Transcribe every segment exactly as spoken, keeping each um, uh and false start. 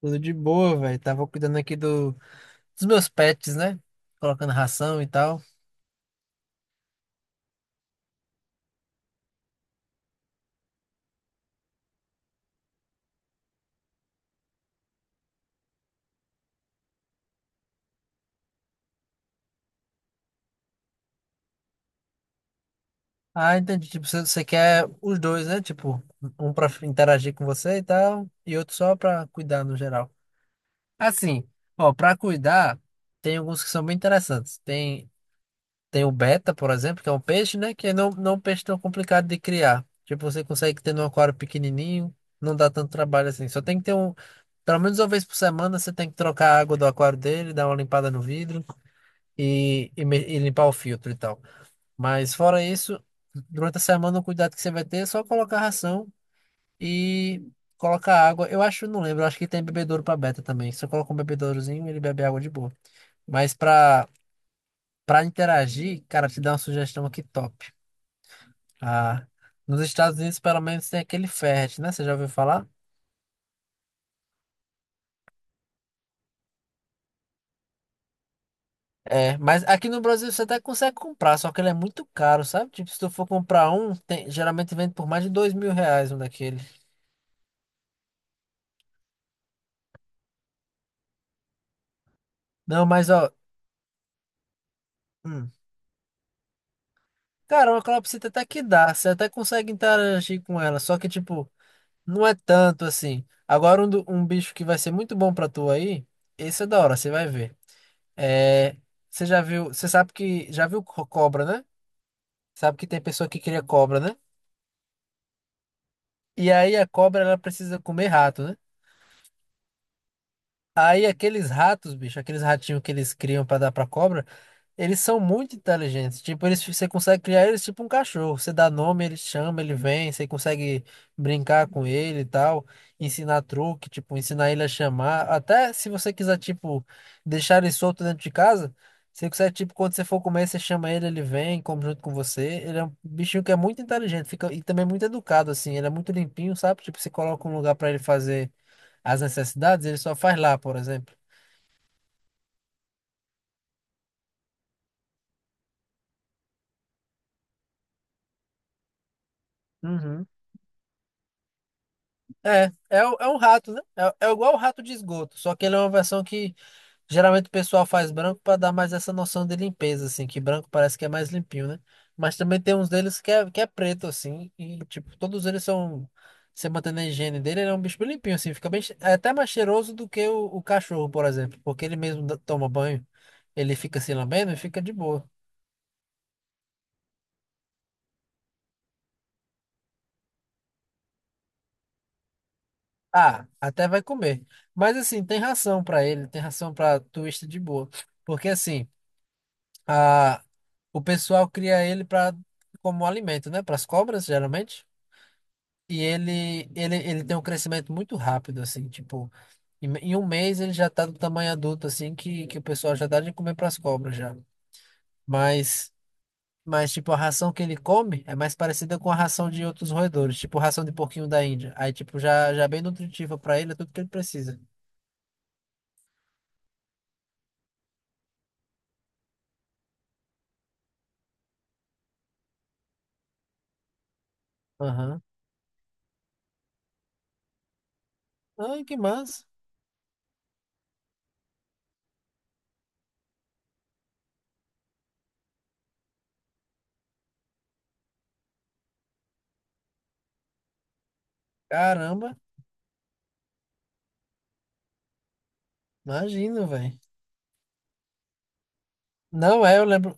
Tudo de boa, velho. Tava cuidando aqui do, dos meus pets, né? Colocando ração e tal. Ah, entendi. Tipo, você você quer os dois, né? Tipo, um pra interagir com você e tal, e outro só pra cuidar no geral. Assim, ó, pra cuidar, tem alguns que são bem interessantes. Tem Tem o beta, por exemplo, que é um peixe, né? Que não, não é um peixe tão complicado de criar. Tipo, você consegue ter num aquário pequenininho, não dá tanto trabalho assim. Só tem que ter um. Pelo menos uma vez por semana você tem que trocar a água do aquário dele, dar uma limpada no vidro e, e, me- e limpar o filtro e tal. Mas fora isso, durante a semana o cuidado que você vai ter é só colocar ração e colocar água. Eu acho, não lembro, eu acho que tem bebedouro para beta também. Você coloca um bebedourozinho, ele bebe água de boa. Mas para para interagir, cara, te dá uma sugestão aqui top. Ah, nos Estados Unidos pelo menos tem aquele Ferret, né? Você já ouviu falar? É, mas aqui no Brasil você até consegue comprar, só que ele é muito caro, sabe? Tipo, se tu for comprar um, tem- geralmente vende por mais de dois mil reais um daquele. Não, mas ó, hum, cara, uma calopsita até que dá, você até consegue interagir com ela, só que tipo, não é tanto assim. Agora um, do- um bicho que vai ser muito bom pra tu aí, esse é da hora, você vai ver. É, você já viu, você sabe que, já viu co- cobra, né? Sabe que tem pessoa que cria cobra, né? E aí a cobra ela precisa comer rato, né? Aí aqueles ratos, bicho, aqueles ratinhos que eles criam pra dar pra cobra, eles são muito inteligentes. Tipo, eles, você consegue criar eles tipo um cachorro. Você dá nome, ele chama, ele vem. Você consegue brincar com ele e tal. Ensinar truque, tipo, ensinar ele a chamar. Até se você quiser, tipo, deixar ele solto dentro de casa, você consegue, tipo, quando você for comer, você chama ele, ele vem, come junto com você. Ele é um bichinho que é muito inteligente, fica, e também muito educado, assim. Ele é muito limpinho, sabe? Tipo, você coloca um lugar pra ele fazer as necessidades, ele só faz lá, por exemplo. Uhum. É, é, o- é um rato, né? É, é igual o rato de esgoto, só que ele é uma versão que geralmente o pessoal faz branco para dar mais essa noção de limpeza, assim, que branco parece que é mais limpinho, né? Mas também tem uns deles que é, que é preto, assim, e, tipo, todos eles são, você mantendo a higiene dele, ele é um bicho bem limpinho, assim, fica bem, che- é até mais cheiroso do que o, o cachorro, por exemplo, porque ele mesmo dá- toma banho, ele fica se lambendo e fica de boa. Ah, até vai comer. Mas, assim, tem ração para ele, tem ração para twist de boa, porque, assim. A, o pessoal cria ele para como alimento, né? Para as cobras, geralmente. E ele, ele, ele tem um crescimento muito rápido, assim, tipo, em, em um mês ele já tá do tamanho adulto, assim, que, que o pessoal já dá de comer para as cobras já. Mas, mas, tipo, a ração que ele come é mais parecida com a ração de outros roedores, tipo ração de porquinho da Índia. Aí, tipo, já, já é bem nutritiva para ele, é tudo que ele precisa. Aham. Ai, que massa. Caramba, imagino, velho. Não, é, eu lembro.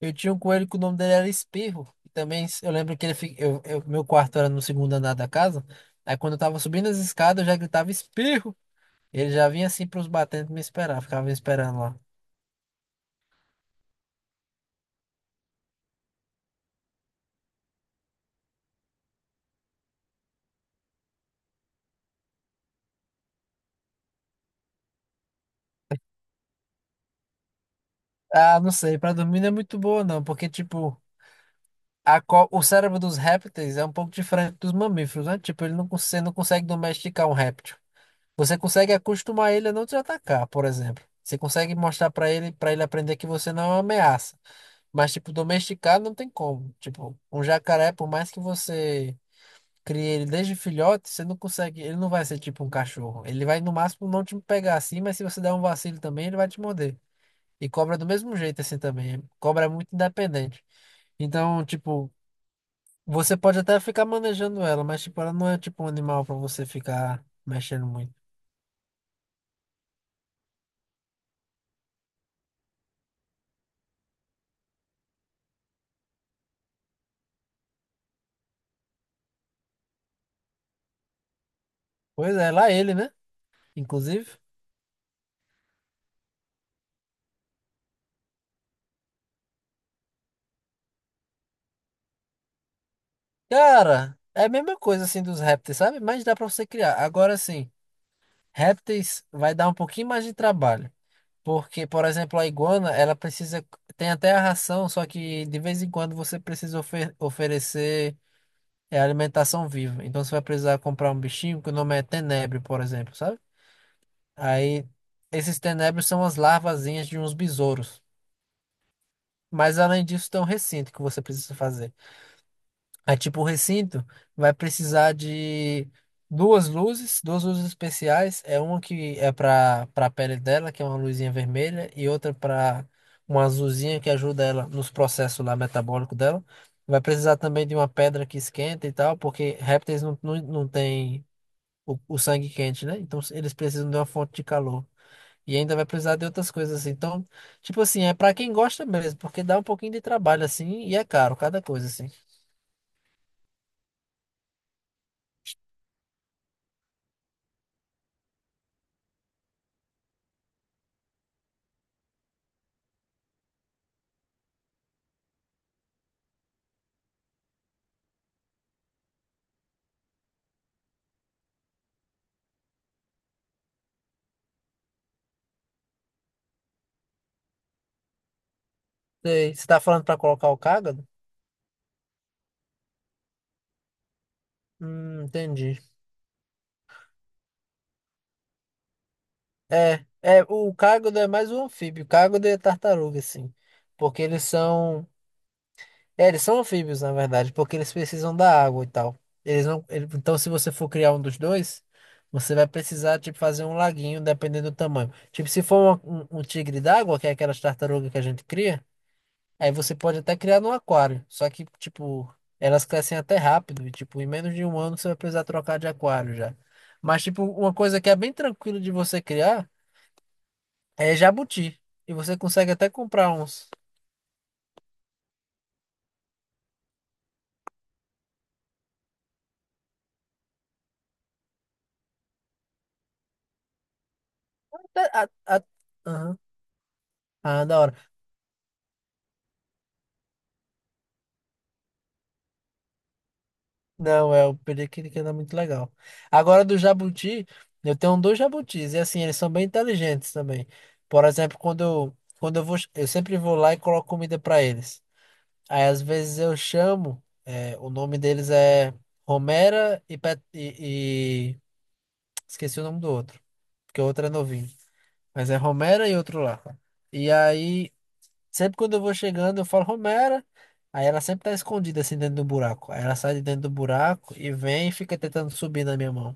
Eu tinha um coelho que o nome dele era Espirro. E também s- eu lembro que ele fi- eu, eu- meu quarto era no segundo andar da casa. Aí quando eu tava subindo as escadas, eu já gritava Espirro. Ele já vinha assim pros batentes me esperar, ficava me esperando lá. Ah, não sei, pra dormir não é muito boa não, porque tipo, a co- o cérebro dos répteis é um pouco diferente dos mamíferos, né? Tipo, ele não, cons- você não consegue domesticar um réptil. Você consegue acostumar ele a não te atacar, por exemplo. Você consegue mostrar pra ele, para ele aprender que você não é uma ameaça. Mas, tipo, domesticado não tem como. Tipo, um jacaré, por mais que você crie ele desde filhote, você não consegue. Ele não vai ser tipo um cachorro. Ele vai, no máximo, não te pegar assim, mas se você der um vacilo também, ele vai te morder. E cobra do mesmo jeito, assim também. Cobra é muito independente. Então, tipo, você pode até ficar manejando ela, mas, tipo, ela não é tipo um animal pra você ficar mexendo muito. Pois é, lá ele, né? Inclusive. Cara, é a mesma coisa, assim, dos répteis, sabe? Mas dá pra você criar. Agora, sim. Répteis vai dar um pouquinho mais de trabalho, porque, por exemplo, a iguana, ela precisa, tem até a ração, só que de vez em quando você precisa ofer- oferecer é, alimentação viva. Então você vai precisar comprar um bichinho que o nome é tenebro, por exemplo, sabe? Aí esses tenebros são as larvazinhas de uns besouros. Mas além disso, tem um recinto que você precisa fazer. Aí, tipo, o recinto vai precisar de duas luzes, duas luzes especiais. É uma que é para para a pele dela, que é uma luzinha vermelha, e outra para uma azulzinha que ajuda ela nos processos lá metabólicos dela. Vai precisar também de uma pedra que esquenta e tal, porque répteis não, não, não têm o, o sangue quente, né? Então eles precisam de uma fonte de calor. E ainda vai precisar de outras coisas assim. Então, tipo assim, é para quem gosta mesmo, porque dá um pouquinho de trabalho assim e é caro cada coisa assim. Sei. Você tá falando pra colocar o cágado? Hum, entendi. É, é, o cágado é mais um anfíbio. O cágado é tartaruga, assim. Porque eles são. É, eles são anfíbios, na verdade, porque eles precisam da água e tal. Eles não. ele- Então, se você for criar um dos dois, você vai precisar, tipo, fazer um laguinho, dependendo do tamanho. Tipo, se for uma- um, um tigre d'água, que é aquelas tartarugas que a gente cria. Aí você pode até criar no aquário. Só que, tipo, elas crescem até rápido. E, tipo, em menos de um ano você vai precisar trocar de aquário já. Mas, tipo, uma coisa que é bem tranquilo de você criar é jabuti. E você consegue até comprar uns. até- a- a- Aham. Ah, da hora. Não, é o periquito que não é muito legal. Agora do jabuti, eu tenho dois jabutis. E assim, eles são bem inteligentes também. Por exemplo, quando eu, quando eu vou, eu sempre vou lá e coloco comida pra eles. Aí às vezes eu chamo, é, o nome deles é Romera e, Pet- e, e- esqueci o nome do outro, porque o outro é novinho. Mas é Romera e outro lá. E aí, sempre quando eu vou chegando, eu falo Romera. Aí ela sempre tá escondida assim dentro do buraco. Aí ela sai de dentro do buraco e vem e fica tentando subir na minha mão.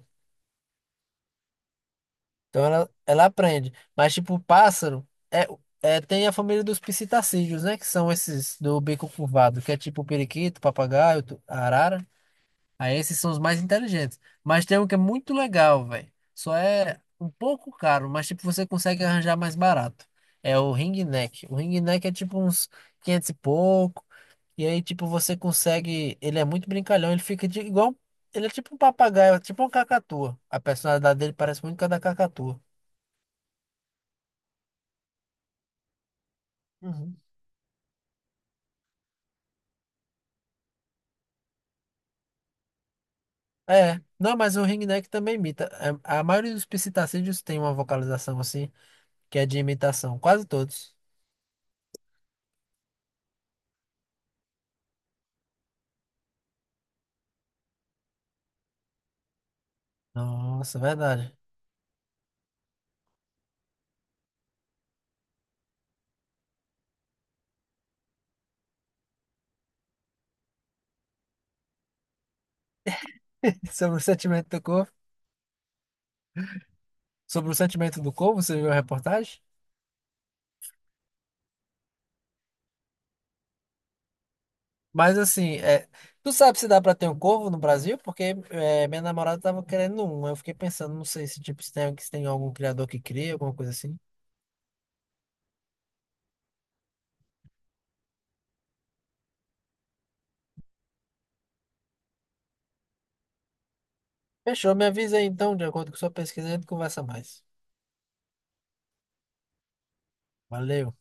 Então ela, ela aprende. Mas tipo, o pássaro é, é, tem a família dos psitacídeos, né? Que são esses do bico curvado, que é tipo o periquito, papagaio, tu- arara. Aí esses são os mais inteligentes. Mas tem um que é muito legal, velho. Só é um pouco caro, mas tipo, você consegue arranjar mais barato. É o ring neck. O ring neck é tipo uns quinhentos e pouco. E aí, tipo, você consegue. Ele é muito brincalhão, ele fica de- igual. Ele é tipo um papagaio, é tipo uma cacatua. A personalidade dele parece muito com a da cacatua. Uhum. É, não, mas o ringneck também imita. É, a maioria dos psitacídeos tem uma vocalização assim, que é de imitação, quase todos. Nossa, verdade. sobre o sentimento do corpo, Sobre o sentimento do corvo, você viu a reportagem? Mas assim, é, tu sabe se dá pra ter um corvo no Brasil? Porque é, minha namorada tava querendo um. Aí eu fiquei pensando, não sei se tipo se tem, se tem algum criador que cria, alguma coisa assim. Fechou, me avisa aí então, de acordo com sua pesquisa, a gente conversa mais. Valeu.